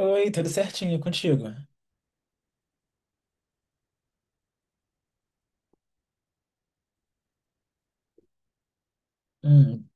Oi, tudo certinho contigo? Hum,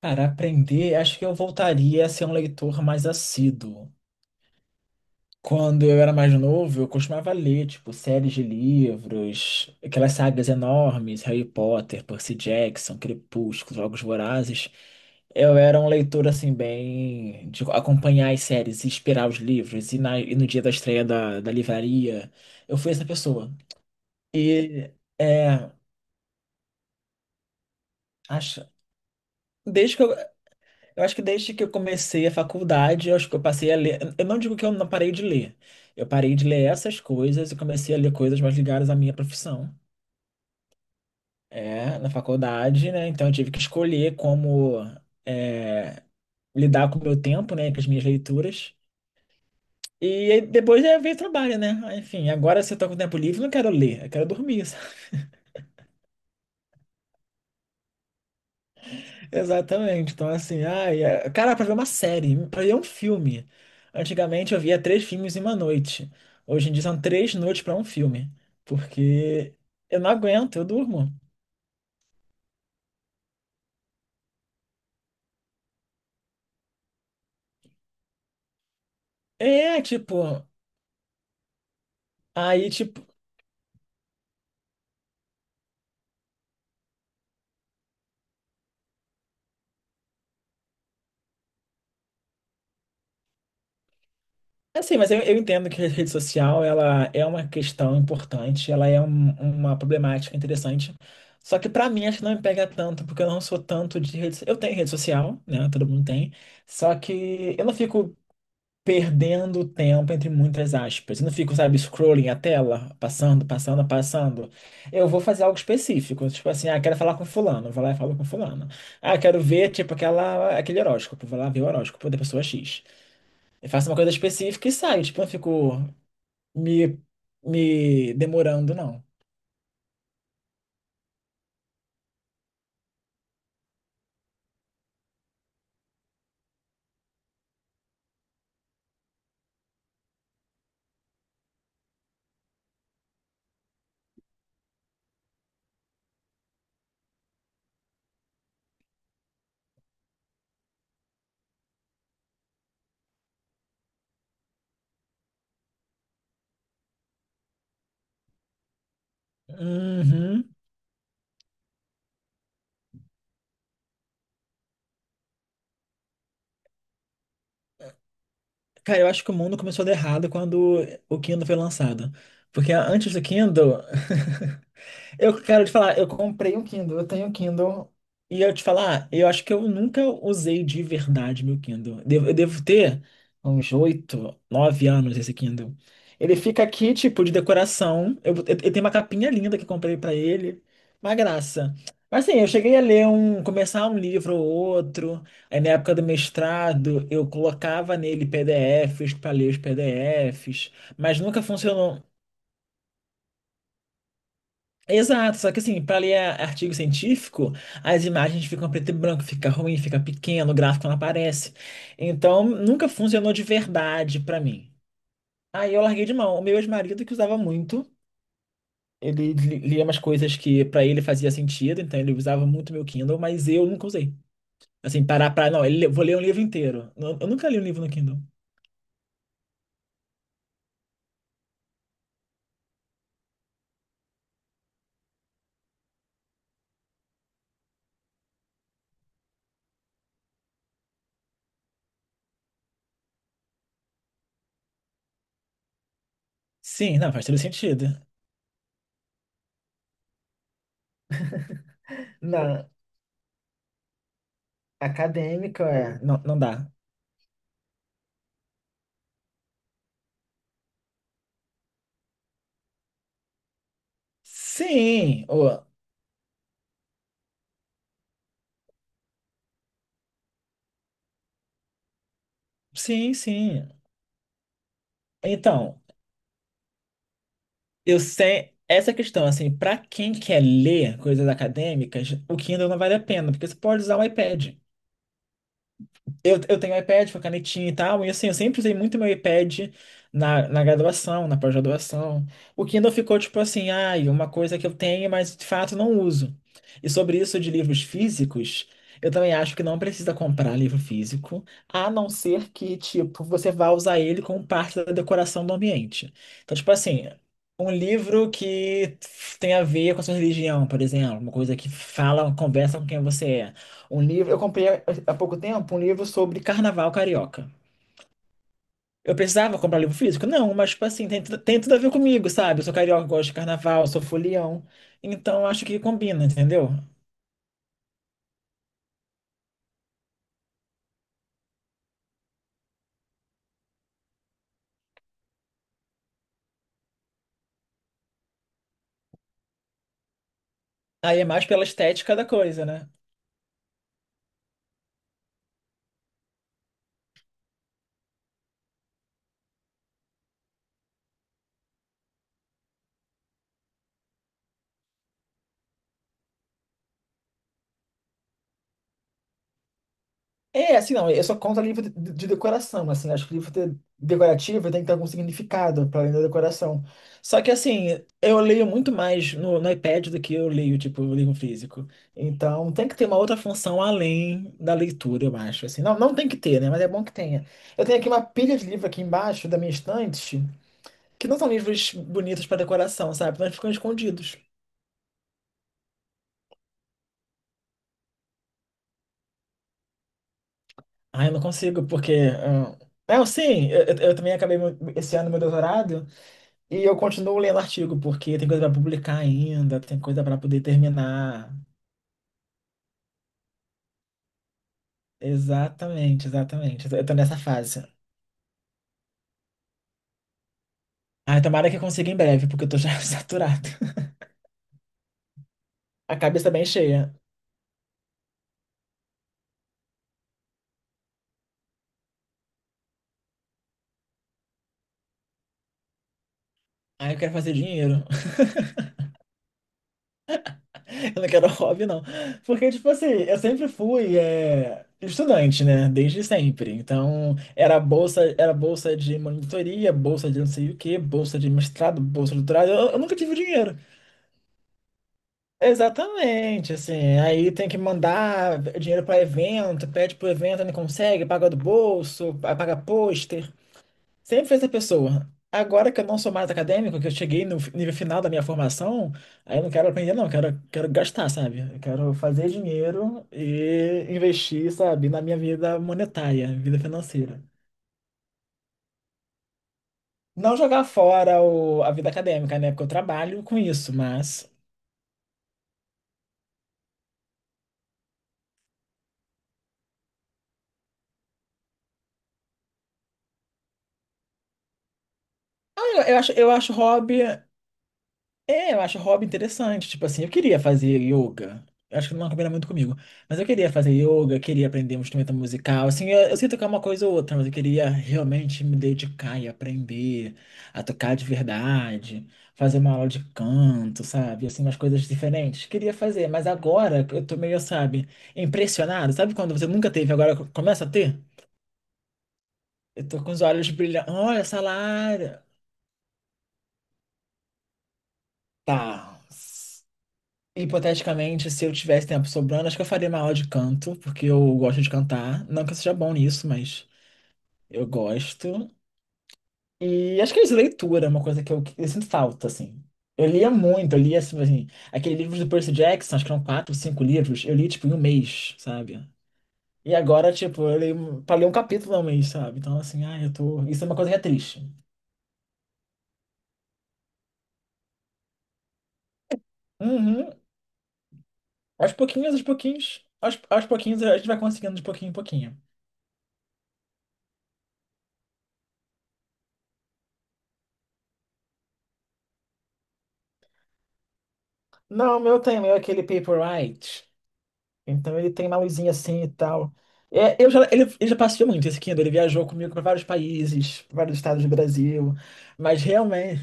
Cara, aprender, acho que eu voltaria a ser um leitor mais assíduo. Quando eu era mais novo, eu costumava ler, tipo, séries de livros, aquelas sagas enormes, Harry Potter, Percy Jackson, Crepúsculo, Jogos Vorazes. Eu era um leitor, assim, bem de acompanhar as séries, e esperar os livros, e, e no dia da estreia da livraria. Eu fui essa pessoa. E, é... Acho... Desde que eu, Eu acho que desde que eu comecei a faculdade, eu acho que eu passei a ler. Eu não digo que eu não parei de ler. Eu parei de ler essas coisas e comecei a ler coisas mais ligadas à minha profissão. É, na faculdade, né? Então eu tive que escolher como é, lidar com o meu tempo, né? Com as minhas leituras. E aí depois veio o trabalho, né? Aí, enfim, agora se eu tô com tempo livre, eu não quero ler, eu quero dormir. Exatamente. Então, assim, ai, cara, pra ver uma série, pra ver um filme. Antigamente eu via três filmes em uma noite. Hoje em dia são três noites pra um filme. Porque eu não aguento, eu durmo. É, tipo, aí, tipo, assim, mas eu entendo que a rede social, ela é uma questão importante, uma problemática interessante. Só que pra mim, acho que não me pega tanto, porque eu não sou tanto de rede. Eu tenho rede social, né? Todo mundo tem. Só que eu não fico perdendo tempo entre muitas aspas. Eu não fico, sabe, scrolling a tela, passando, passando, passando. Eu vou fazer algo específico, tipo assim, ah, quero falar com fulano, vou lá e falo com fulano. Ah, quero ver, tipo, aquele horóscopo, vou lá ver o horóscopo da pessoa X. Eu faço uma coisa específica e saio, tipo, eu não fico me, me demorando, não. Uhum. Cara, eu acho que o mundo começou a dar errado quando o Kindle foi lançado. Porque antes do Kindle, eu quero te falar, eu comprei um Kindle, eu tenho um Kindle. E eu te falar, eu acho que eu nunca usei de verdade meu Kindle. Eu devo ter uns oito, nove anos esse Kindle. Ele fica aqui, tipo, de decoração. Eu tenho uma capinha linda que eu comprei pra ele. Uma graça. Mas assim, eu cheguei a ler um, começar um livro ou outro. Aí na época do mestrado, eu colocava nele PDFs pra ler os PDFs. Mas nunca funcionou. Exato, só que assim, para ler artigo científico, as imagens ficam preto e branco, fica ruim, fica pequeno, o gráfico não aparece. Então, nunca funcionou de verdade para mim. Aí eu larguei de mão. O meu ex-marido que usava muito, lia umas coisas que para ele fazia sentido, então ele usava muito meu Kindle, mas eu nunca usei. Assim, parar para, não, ele- vou ler um livro inteiro. Eu nunca li um livro no Kindle. Sim, não, faz todo sentido. Na acadêmica, é, não dá. Sim, sim. Então, eu sei essa questão, assim, para quem quer ler coisas acadêmicas, o Kindle não vale a pena, porque você pode usar o iPad. Eu tenho iPad com a canetinha e tal, e assim, eu sempre usei muito meu iPad na graduação, na pós-graduação. O Kindle ficou tipo assim, ai, uma coisa que eu tenho, mas de fato não uso. E sobre isso de livros físicos, eu também acho que não precisa comprar livro físico, a não ser que, tipo, você vá usar ele como parte da decoração do ambiente. Então, tipo assim, um livro que tem a ver com a sua religião, por exemplo, uma coisa que fala, conversa com quem você é. Um livro, eu comprei há pouco tempo um livro sobre carnaval carioca. Eu precisava comprar livro físico? Não, mas, tipo assim, tem tudo a ver comigo, sabe? Eu sou carioca, gosto de carnaval, sou folião. Então, acho que combina, entendeu? Aí é mais pela estética da coisa, né? É, assim, não, eu só conto livro de decoração, assim, né? Acho que decorativo tem que ter algum significado para além da decoração. Só que, assim, eu leio muito mais no iPad do que eu leio, tipo, o livro físico. Então, tem que ter uma outra função além da leitura, eu acho, assim. Não, não tem que ter, né, mas é bom que tenha. Eu tenho aqui uma pilha de livro aqui embaixo da minha estante, que não são livros bonitos para decoração, sabe? Mas ficam escondidos. Ah, eu não consigo, porque... ah, não, sim, eu também esse ano meu doutorado, e eu continuo lendo artigo, porque tem coisa para publicar ainda, tem coisa para poder terminar. Exatamente, exatamente. Eu tô nessa fase. Ai, tomara que eu consiga em breve, porque eu tô já saturado. A cabeça bem cheia. Ai, eu quero fazer dinheiro. Eu não quero hobby, não. Porque, tipo assim, eu sempre fui estudante, né? Desde sempre. Então, era bolsa de monitoria, bolsa de não sei o quê, bolsa de mestrado, bolsa de doutorado. Eu nunca tive dinheiro. Exatamente, assim, aí tem que mandar dinheiro para evento, pede pro evento, não consegue, paga do bolso, paga pôster, sempre fez essa pessoa. Agora que eu não sou mais acadêmico, que eu cheguei no nível final da minha formação, aí eu não quero aprender não, eu quero, quero gastar, sabe? Eu quero fazer dinheiro e investir, sabe, na minha vida monetária, vida financeira. Não jogar fora a vida acadêmica, né? Porque eu trabalho com isso, mas... ah, eu acho hobby. É, eu acho hobby interessante. Tipo assim, eu queria fazer yoga. Eu acho que não combina muito comigo. Mas eu queria fazer yoga, queria aprender um instrumento musical. Assim, eu sei tocar uma coisa ou outra, mas eu queria realmente me dedicar e aprender a tocar de verdade, fazer uma aula de canto, sabe? Assim, umas coisas diferentes. Queria fazer, mas agora eu tô meio, sabe, impressionado. Sabe quando você nunca teve, agora começa a ter? Eu tô com os olhos brilhando. Olha, salário. Tá. Hipoteticamente, se eu tivesse tempo sobrando, acho que eu faria uma aula de canto, porque eu gosto de cantar. Não que eu seja bom nisso, mas eu gosto. E acho que é isso, leitura, é uma coisa que eu sinto falta, assim. Eu lia muito, eu lia, assim, aquele livro do Percy Jackson, acho que eram quatro, cinco livros, eu li, tipo, em um mês, sabe? E agora, tipo, eu leio, pra ler um capítulo ao mês, sabe? Então, assim, ah, eu tô... Isso é uma coisa que é triste. Uhum. Aos pouquinhos, aos pouquinhos, aos pouquinhos, a gente vai conseguindo de pouquinho em pouquinho. Não, o meu tema é aquele Paperwhite. Então ele tem uma luzinha assim e tal. É, eu já, ele já passeou muito esse Kindle, ele viajou comigo para vários países, pra vários estados do Brasil, mas realmente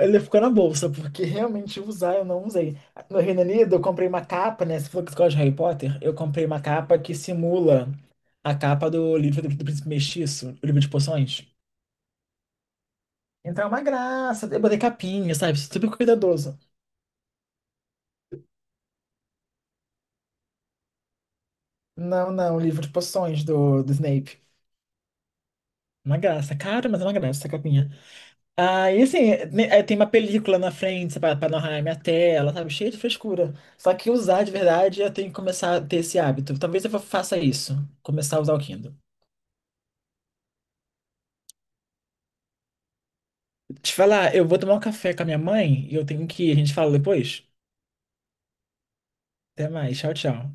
ele ficou na bolsa, porque realmente usar eu não usei. No Reino Unido eu comprei uma capa, né? Você falou que você gosta de Harry Potter? Eu comprei uma capa que simula a capa do livro do Príncipe Mestiço, o livro de poções. Então é uma graça, eu botei capinha, sabe? Super cuidadoso. Não, não, o livro de poções do Snape. Uma graça, cara, mas é uma graça essa capinha. Ah, e assim, né, é, tem uma película na frente pra não arranhar minha tela, sabe? Cheio de frescura. Só que usar de verdade, eu tenho que começar a ter esse hábito. Talvez eu faça isso, começar a usar o Kindle. Te falar, eu vou tomar um café com a minha mãe e eu tenho que ir. A gente fala depois? Até mais, tchau, tchau.